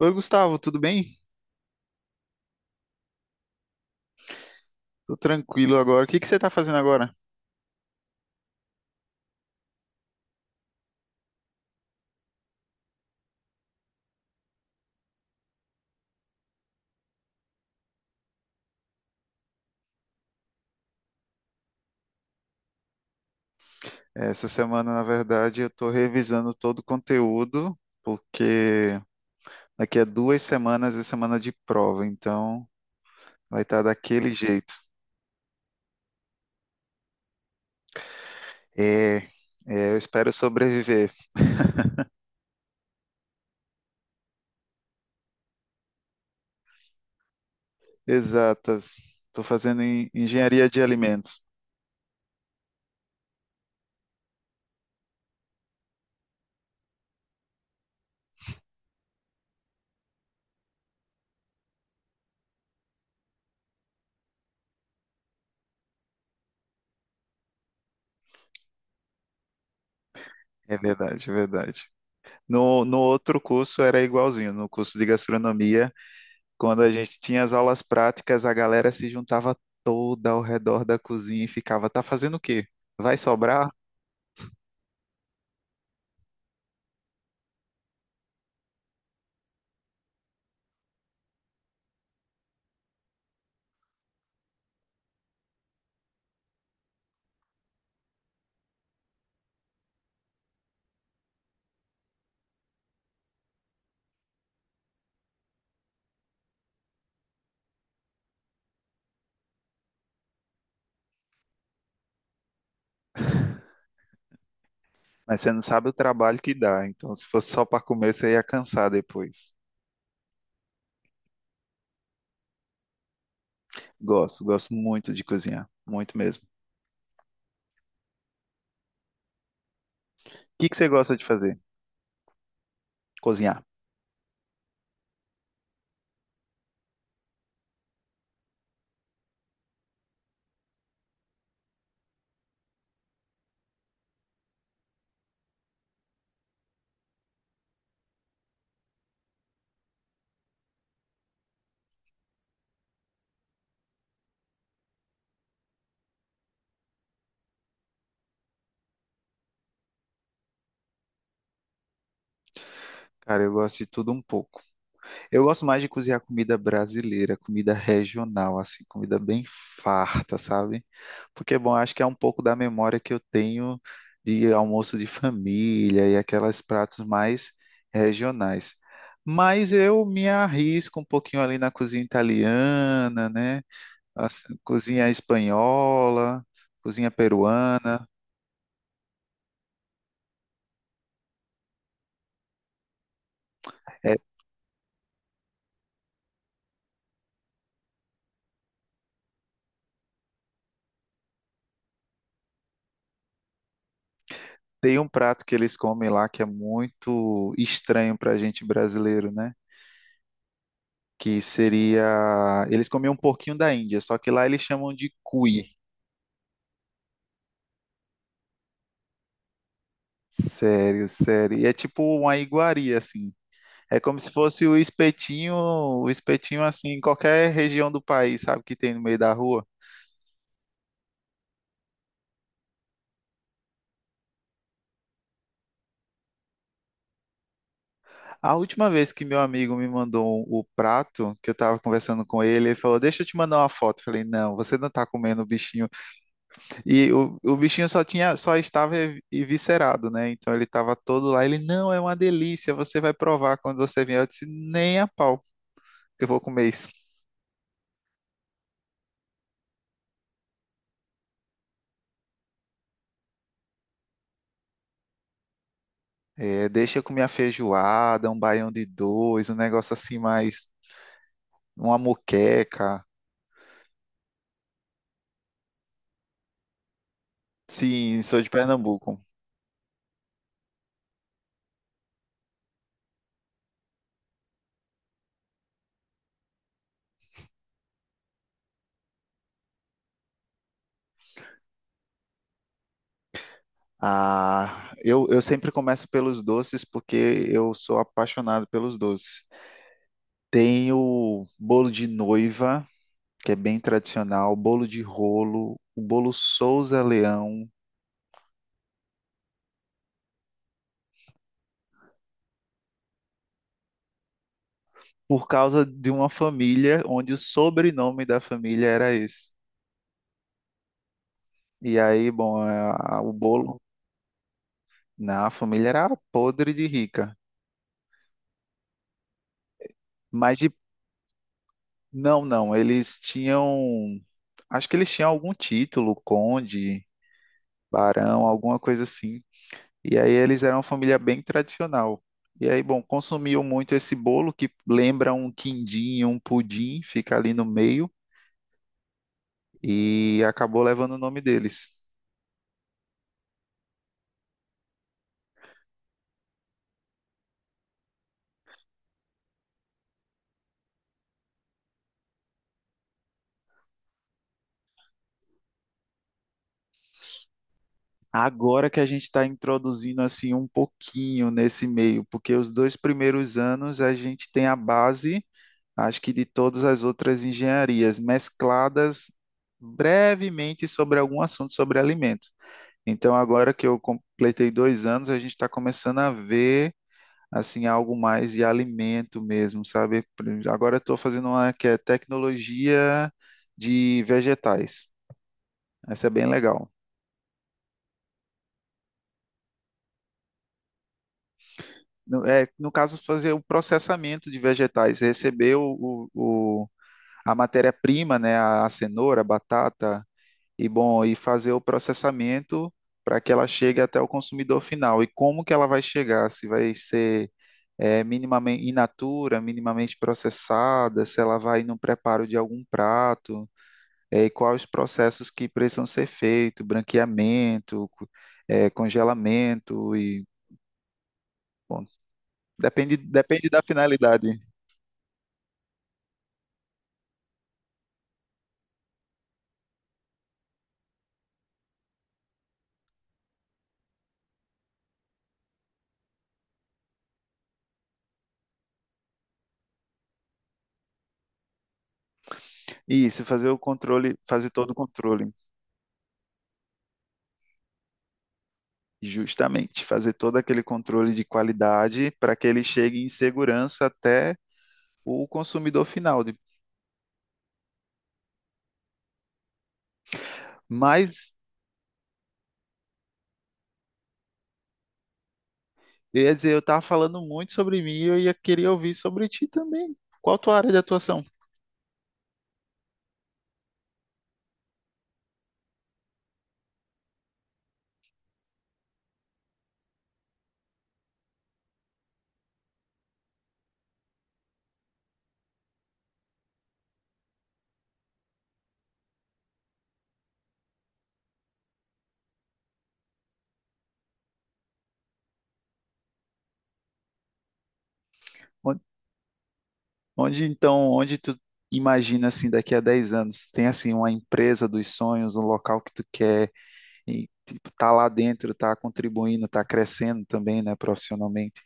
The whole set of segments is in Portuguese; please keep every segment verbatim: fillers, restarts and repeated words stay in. Oi, Gustavo, tudo bem? Tô tranquilo agora. O que que você está fazendo agora? Essa semana, na verdade, eu estou revisando todo o conteúdo, porque daqui a duas semanas é semana de prova, então vai estar daquele jeito. É, é, eu espero sobreviver. Exatas. Estou fazendo em- engenharia de alimentos. É verdade, é verdade. No, no outro curso era igualzinho, no curso de gastronomia. Quando a gente tinha as aulas práticas, a galera se juntava toda ao redor da cozinha e ficava, tá fazendo o quê? Vai sobrar? Mas você não sabe o trabalho que dá. Então, se fosse só para comer, você ia cansar depois. Gosto, gosto muito de cozinhar, muito mesmo. O que que você gosta de fazer? Cozinhar. Cara, eu gosto de tudo um pouco. Eu gosto mais de cozinhar comida brasileira, comida regional, assim, comida bem farta, sabe? Porque, bom, acho que é um pouco da memória que eu tenho de almoço de família e aqueles pratos mais regionais. Mas eu me arrisco um pouquinho ali na cozinha italiana, né? Assim, cozinha espanhola, cozinha peruana. É, tem um prato que eles comem lá que é muito estranho para a gente brasileiro, né? Que seria. Eles comiam um porquinho da Índia, só que lá eles chamam de cuy. Sério, sério. E é tipo uma iguaria, assim. É como se fosse o espetinho, o espetinho assim, em qualquer região do país, sabe, que tem no meio da rua. A última vez que meu amigo me mandou um, o prato, que eu tava conversando com ele, ele falou: Deixa eu te mandar uma foto. Eu falei: Não, você não tá comendo o bichinho. E o, o bichinho só tinha, só estava ev- eviscerado, né? Então ele estava todo lá. Ele, não, é uma delícia, você vai provar quando você vier. Eu disse, nem a pau, eu vou comer isso. É, deixa eu comer a feijoada, um baião de dois, um negócio assim mais, uma moqueca. Sim, sou de Pernambuco. Ah, eu, eu sempre começo pelos doces porque eu sou apaixonado pelos doces. Tem o bolo de noiva que é bem tradicional, bolo de rolo, o bolo Souza Leão, por causa de uma família onde o sobrenome da família era esse. E aí, bom, a- a- o bolo na família era podre de rica. Mas de, não, não, eles tinham, acho que eles tinham algum título, conde, barão, alguma coisa assim. E aí eles eram uma família bem tradicional. E aí, bom, consumiam muito esse bolo que lembra um quindim, um pudim, fica ali no meio e acabou levando o nome deles. Agora que a gente está introduzindo assim um pouquinho nesse meio, porque os dois primeiros anos a gente tem a base, acho que de todas as outras engenharias, mescladas brevemente sobre algum assunto sobre alimentos. Então, agora que eu completei dois anos, a gente está começando a ver assim algo mais de alimento mesmo, sabe? Agora estou fazendo uma que é tecnologia de vegetais. Essa é bem legal. No, é, no caso, fazer o processamento de vegetais, receber o, o, o- a matéria-prima, né, a, a cenoura, a batata, e bom, e fazer o processamento para que ela chegue até o consumidor final. E como que ela vai chegar? Se vai ser é, minimamente in natura, minimamente processada, se ela vai no preparo de algum prato, é, e quais os processos que precisam ser feitos, branqueamento, co- é, congelamento e bom, depende, depende da finalidade. Isso, fazer o controle, fazer todo o controle, justamente, fazer todo aquele controle de qualidade para que ele chegue em segurança até o consumidor final. De- Mas, eu ia dizer, eu estava falando muito sobre mim e eu ia querer ouvir sobre ti também. Qual a tua área de atuação? Onde, onde, então, onde tu imagina assim daqui a dez anos? Tem assim uma empresa dos sonhos, um local que tu quer e tipo, tá lá dentro, tá contribuindo, tá crescendo também, né, profissionalmente?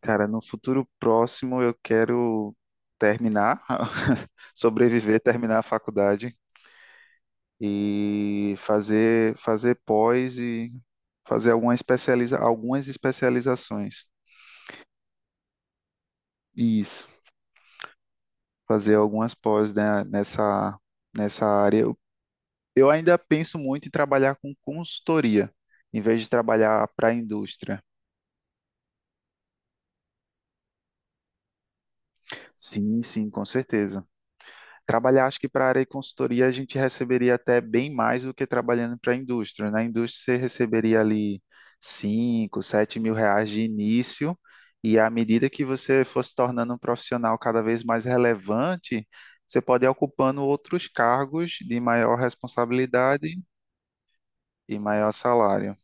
Cara, no futuro próximo eu quero terminar, sobreviver, terminar a faculdade e fazer fazer pós e fazer alguma especializa, algumas especializações. Isso, fazer algumas pós, né, nessa nessa área. Eu, eu ainda penso muito em trabalhar com consultoria, em vez de trabalhar para a indústria. Sim, sim, com certeza. Trabalhar, acho que para a área de consultoria a gente receberia até bem mais do que trabalhando para a indústria. Na indústria você receberia ali cinco sete mil reais de início, e à medida que você fosse tornando um profissional cada vez mais relevante, você pode ir ocupando outros cargos de maior responsabilidade e maior salário.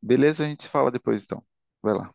Beleza? A gente se fala depois então. Vai lá.